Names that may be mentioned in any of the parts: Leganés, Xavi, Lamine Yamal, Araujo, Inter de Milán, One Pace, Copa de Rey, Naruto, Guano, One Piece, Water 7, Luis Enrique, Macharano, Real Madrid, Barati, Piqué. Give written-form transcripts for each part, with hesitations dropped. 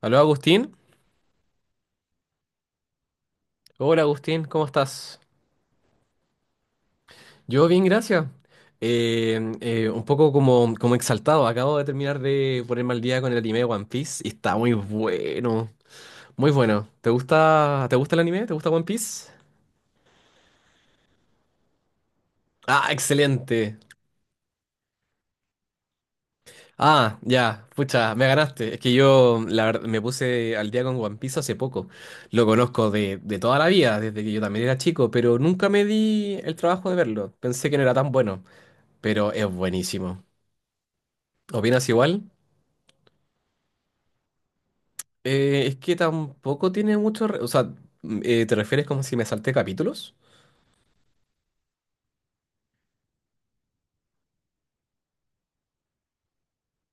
Aló, Agustín. Hola, Agustín, ¿cómo estás? Yo bien, gracias. Un poco como, como exaltado. Acabo de terminar de ponerme al día con el anime de One Piece y está muy bueno. Muy bueno. ¿Te gusta el anime? ¿Te gusta One Piece? Ah, excelente. Ah, ya, pucha, me ganaste. Es que yo la verdad, me puse al día con One Piece hace poco. Lo conozco de toda la vida, desde que yo también era chico, pero nunca me di el trabajo de verlo. Pensé que no era tan bueno, pero es buenísimo. ¿Opinas igual? Es que tampoco tiene mucho o sea, ¿te refieres como si me salté capítulos?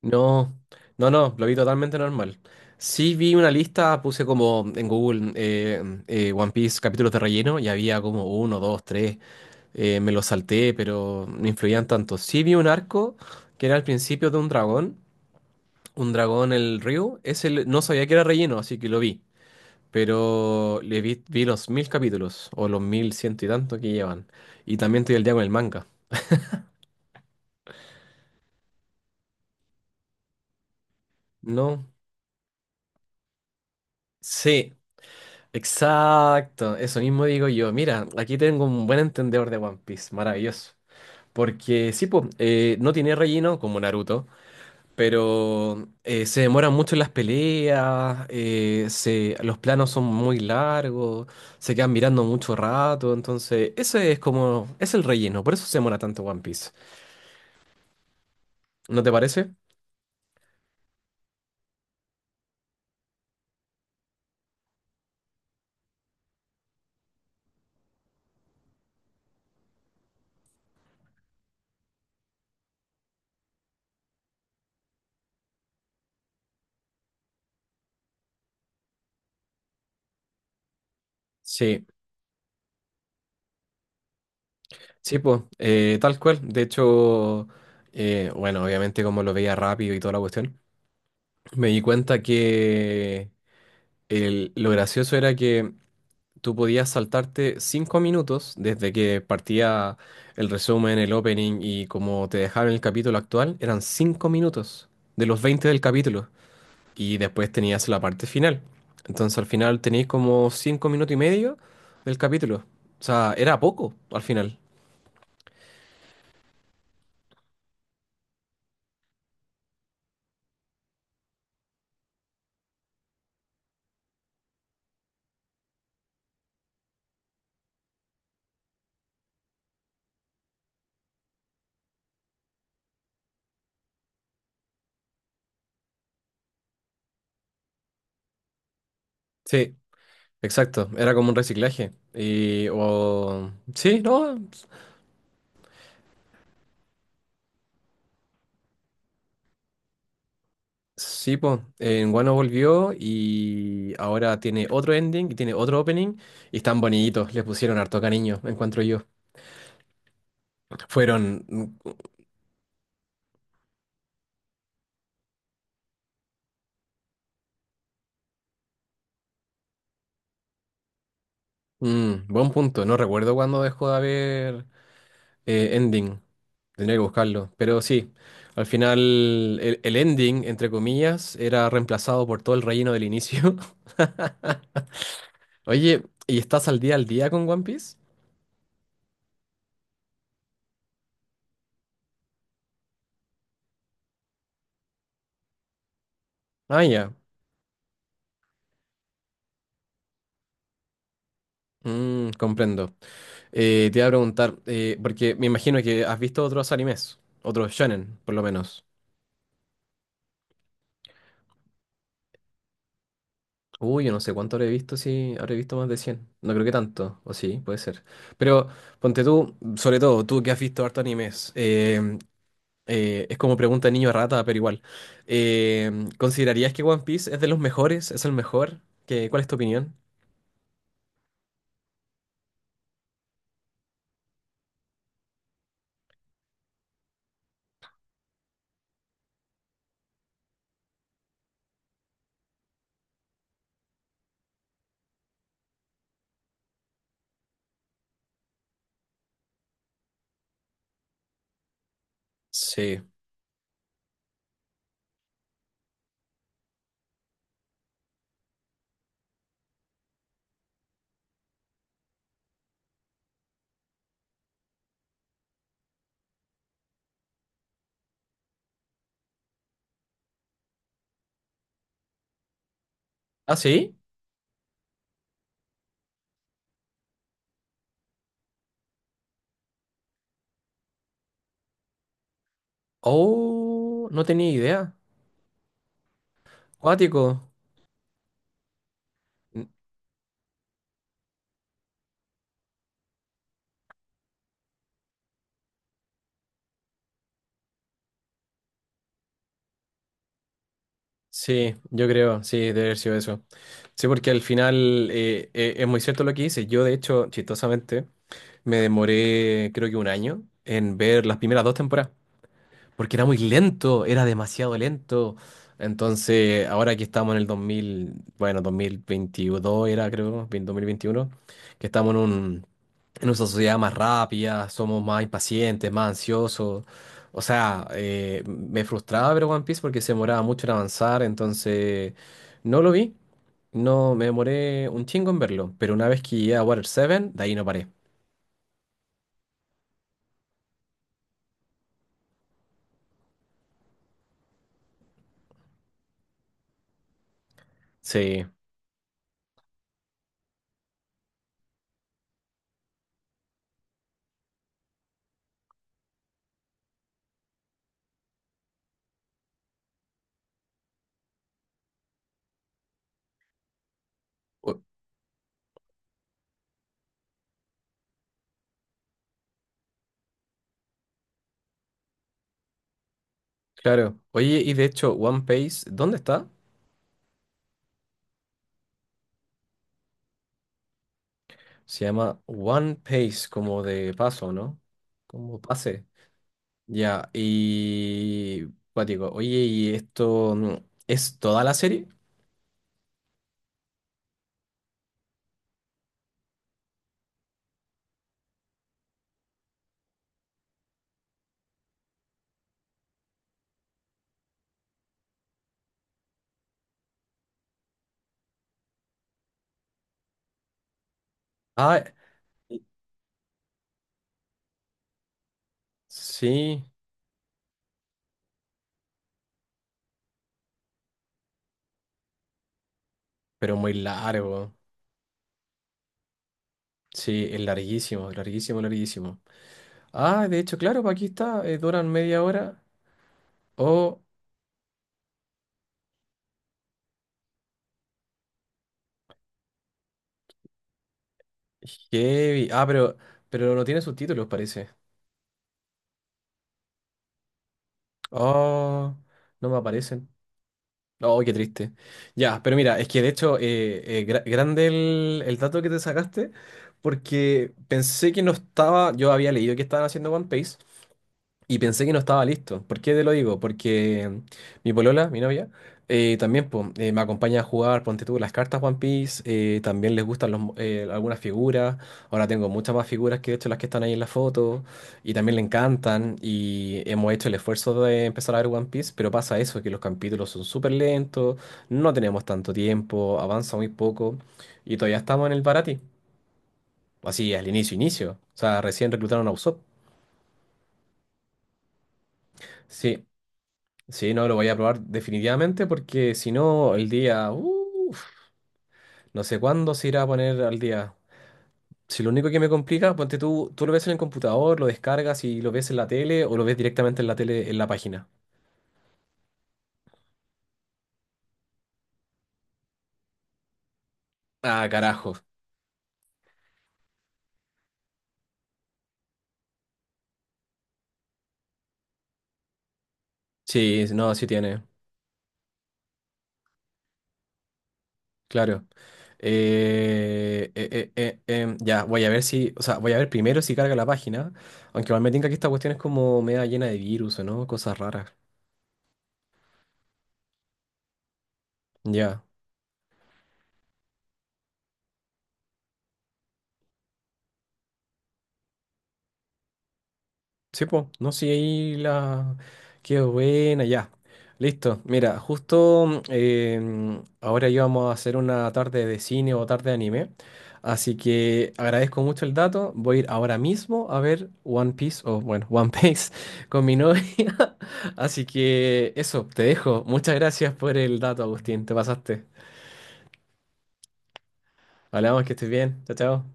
No, no, no, lo vi totalmente normal. Sí vi una lista, puse como en Google One Piece capítulos de relleno y había como uno, dos, tres. Me los salté, pero no influían tanto. Sí vi un arco que era al principio de un dragón el río. Ese no sabía que era relleno, así que lo vi. Pero vi los mil capítulos, o los mil ciento y tanto que llevan. Y también estoy al día con el manga. No, sí, exacto. Eso mismo digo yo. Mira, aquí tengo un buen entendedor de One Piece. Maravilloso. Porque sí, po, no tiene relleno como Naruto, pero se demoran mucho en las peleas, se, los planos son muy largos, se quedan mirando mucho rato, entonces ese es como, es el relleno, por eso se demora tanto One Piece. ¿No te parece? Sí. Sí, pues, tal cual. De hecho, bueno, obviamente como lo veía rápido y toda la cuestión, me di cuenta que lo gracioso era que tú podías saltarte cinco minutos desde que partía el resumen, el opening y como te dejaron el capítulo actual, eran cinco minutos de los 20 del capítulo. Y después tenías la parte final. Entonces al final tenías como cinco minutos y medio del capítulo. O sea, era poco al final. Sí. Exacto, era como un reciclaje. Y, o, sí, no, sí, pues. En Guano volvió y ahora tiene otro ending y tiene otro opening y están bonitos, les pusieron harto cariño, encuentro yo. Fueron, mm, buen punto, no recuerdo cuándo dejó de haber ending, tendría que buscarlo, pero sí, al final el ending, entre comillas, era reemplazado por todo el relleno del inicio. Oye, ¿y estás al día con One Piece? Ah, ya. Mm, comprendo. Te iba a preguntar, porque me imagino que has visto otros animes, otros shonen, por lo menos. Uy, yo no sé cuánto habré visto, si habré visto más de cien. No creo que tanto, o sí, puede ser. Pero ponte tú, sobre todo, tú que has visto harto animes, es como pregunta de niño rata, pero igual. Eh, ¿Considerarías que One Piece es de los mejores? ¿Es el mejor? Cuál es tu opinión? Sí. ¿Ah, sí? Oh, no tenía idea. Cuático. Sí, yo creo, sí, debe haber sido eso. Sí, porque al final es muy cierto lo que dices. Yo, de hecho, chistosamente, me demoré creo que un año en ver las primeras dos temporadas porque era muy lento, era demasiado lento. Entonces, ahora que estamos en el 2000, bueno, 2022 era, creo, 2021, que estamos en un, en una sociedad más rápida, somos más impacientes, más ansiosos. O sea, me frustraba ver One Piece porque se demoraba mucho en avanzar, entonces no lo vi, no me demoré un chingo en verlo, pero una vez que llegué a Water 7, de ahí no paré. Sí, o- claro. Oye, y de hecho, One Piece, ¿dónde está? Se llama One Pace, como de paso, ¿no? Como pase. Ya, y... Cuático, oye, ¿y esto es toda la serie? Ah, sí, pero muy largo. Sí, es larguísimo, larguísimo, larguísimo. Ah, de hecho, claro, pues aquí está, duran media hora. Oh, heavy. Ah, pero no tiene subtítulos, parece. Oh, no me aparecen. Oh, qué triste. Ya, pero mira, es que de hecho, grande el dato que te sacaste, porque pensé que no estaba, yo había leído que estaban haciendo One Piece, y pensé que no estaba listo. ¿Por qué te lo digo? Porque mi polola, mi novia, también po, me acompaña a jugar, ponte tú, las cartas One Piece, también les gustan los algunas figuras. Ahora tengo muchas más figuras que de hecho las que están ahí en la foto. Y también le encantan. Y hemos hecho el esfuerzo de empezar a ver One Piece, pero pasa eso, que los capítulos son súper lentos, no tenemos tanto tiempo, avanza muy poco. Y todavía estamos en el Barati. Así, al inicio, inicio. O sea, recién reclutaron a Usopp. Sí. Sí, no, lo voy a probar definitivamente porque si no, el día, uf, no sé cuándo se irá a poner al día. Si lo único que me complica, ponte tú, tú lo ves en el computador, lo descargas y lo ves en la tele o lo ves directamente en la tele, en la página. Ah, carajo. Sí, no, sí tiene, claro. Ya, voy a ver si, o sea, voy a ver primero si carga la página, aunque igual me tinca que esta cuestión es como media llena de virus, ¿no? Cosas raras. Ya. Sí, pues, no, sí, ahí la... Qué buena, ya. Listo. Mira, justo ahora íbamos a hacer una tarde de cine o tarde de anime. Así que agradezco mucho el dato. Voy a ir ahora mismo a ver One Piece, o bueno, One Piece con mi novia. Así que eso, te dejo. Muchas gracias por el dato, Agustín. Te pasaste. Hablamos, que estés bien. Chao, chao.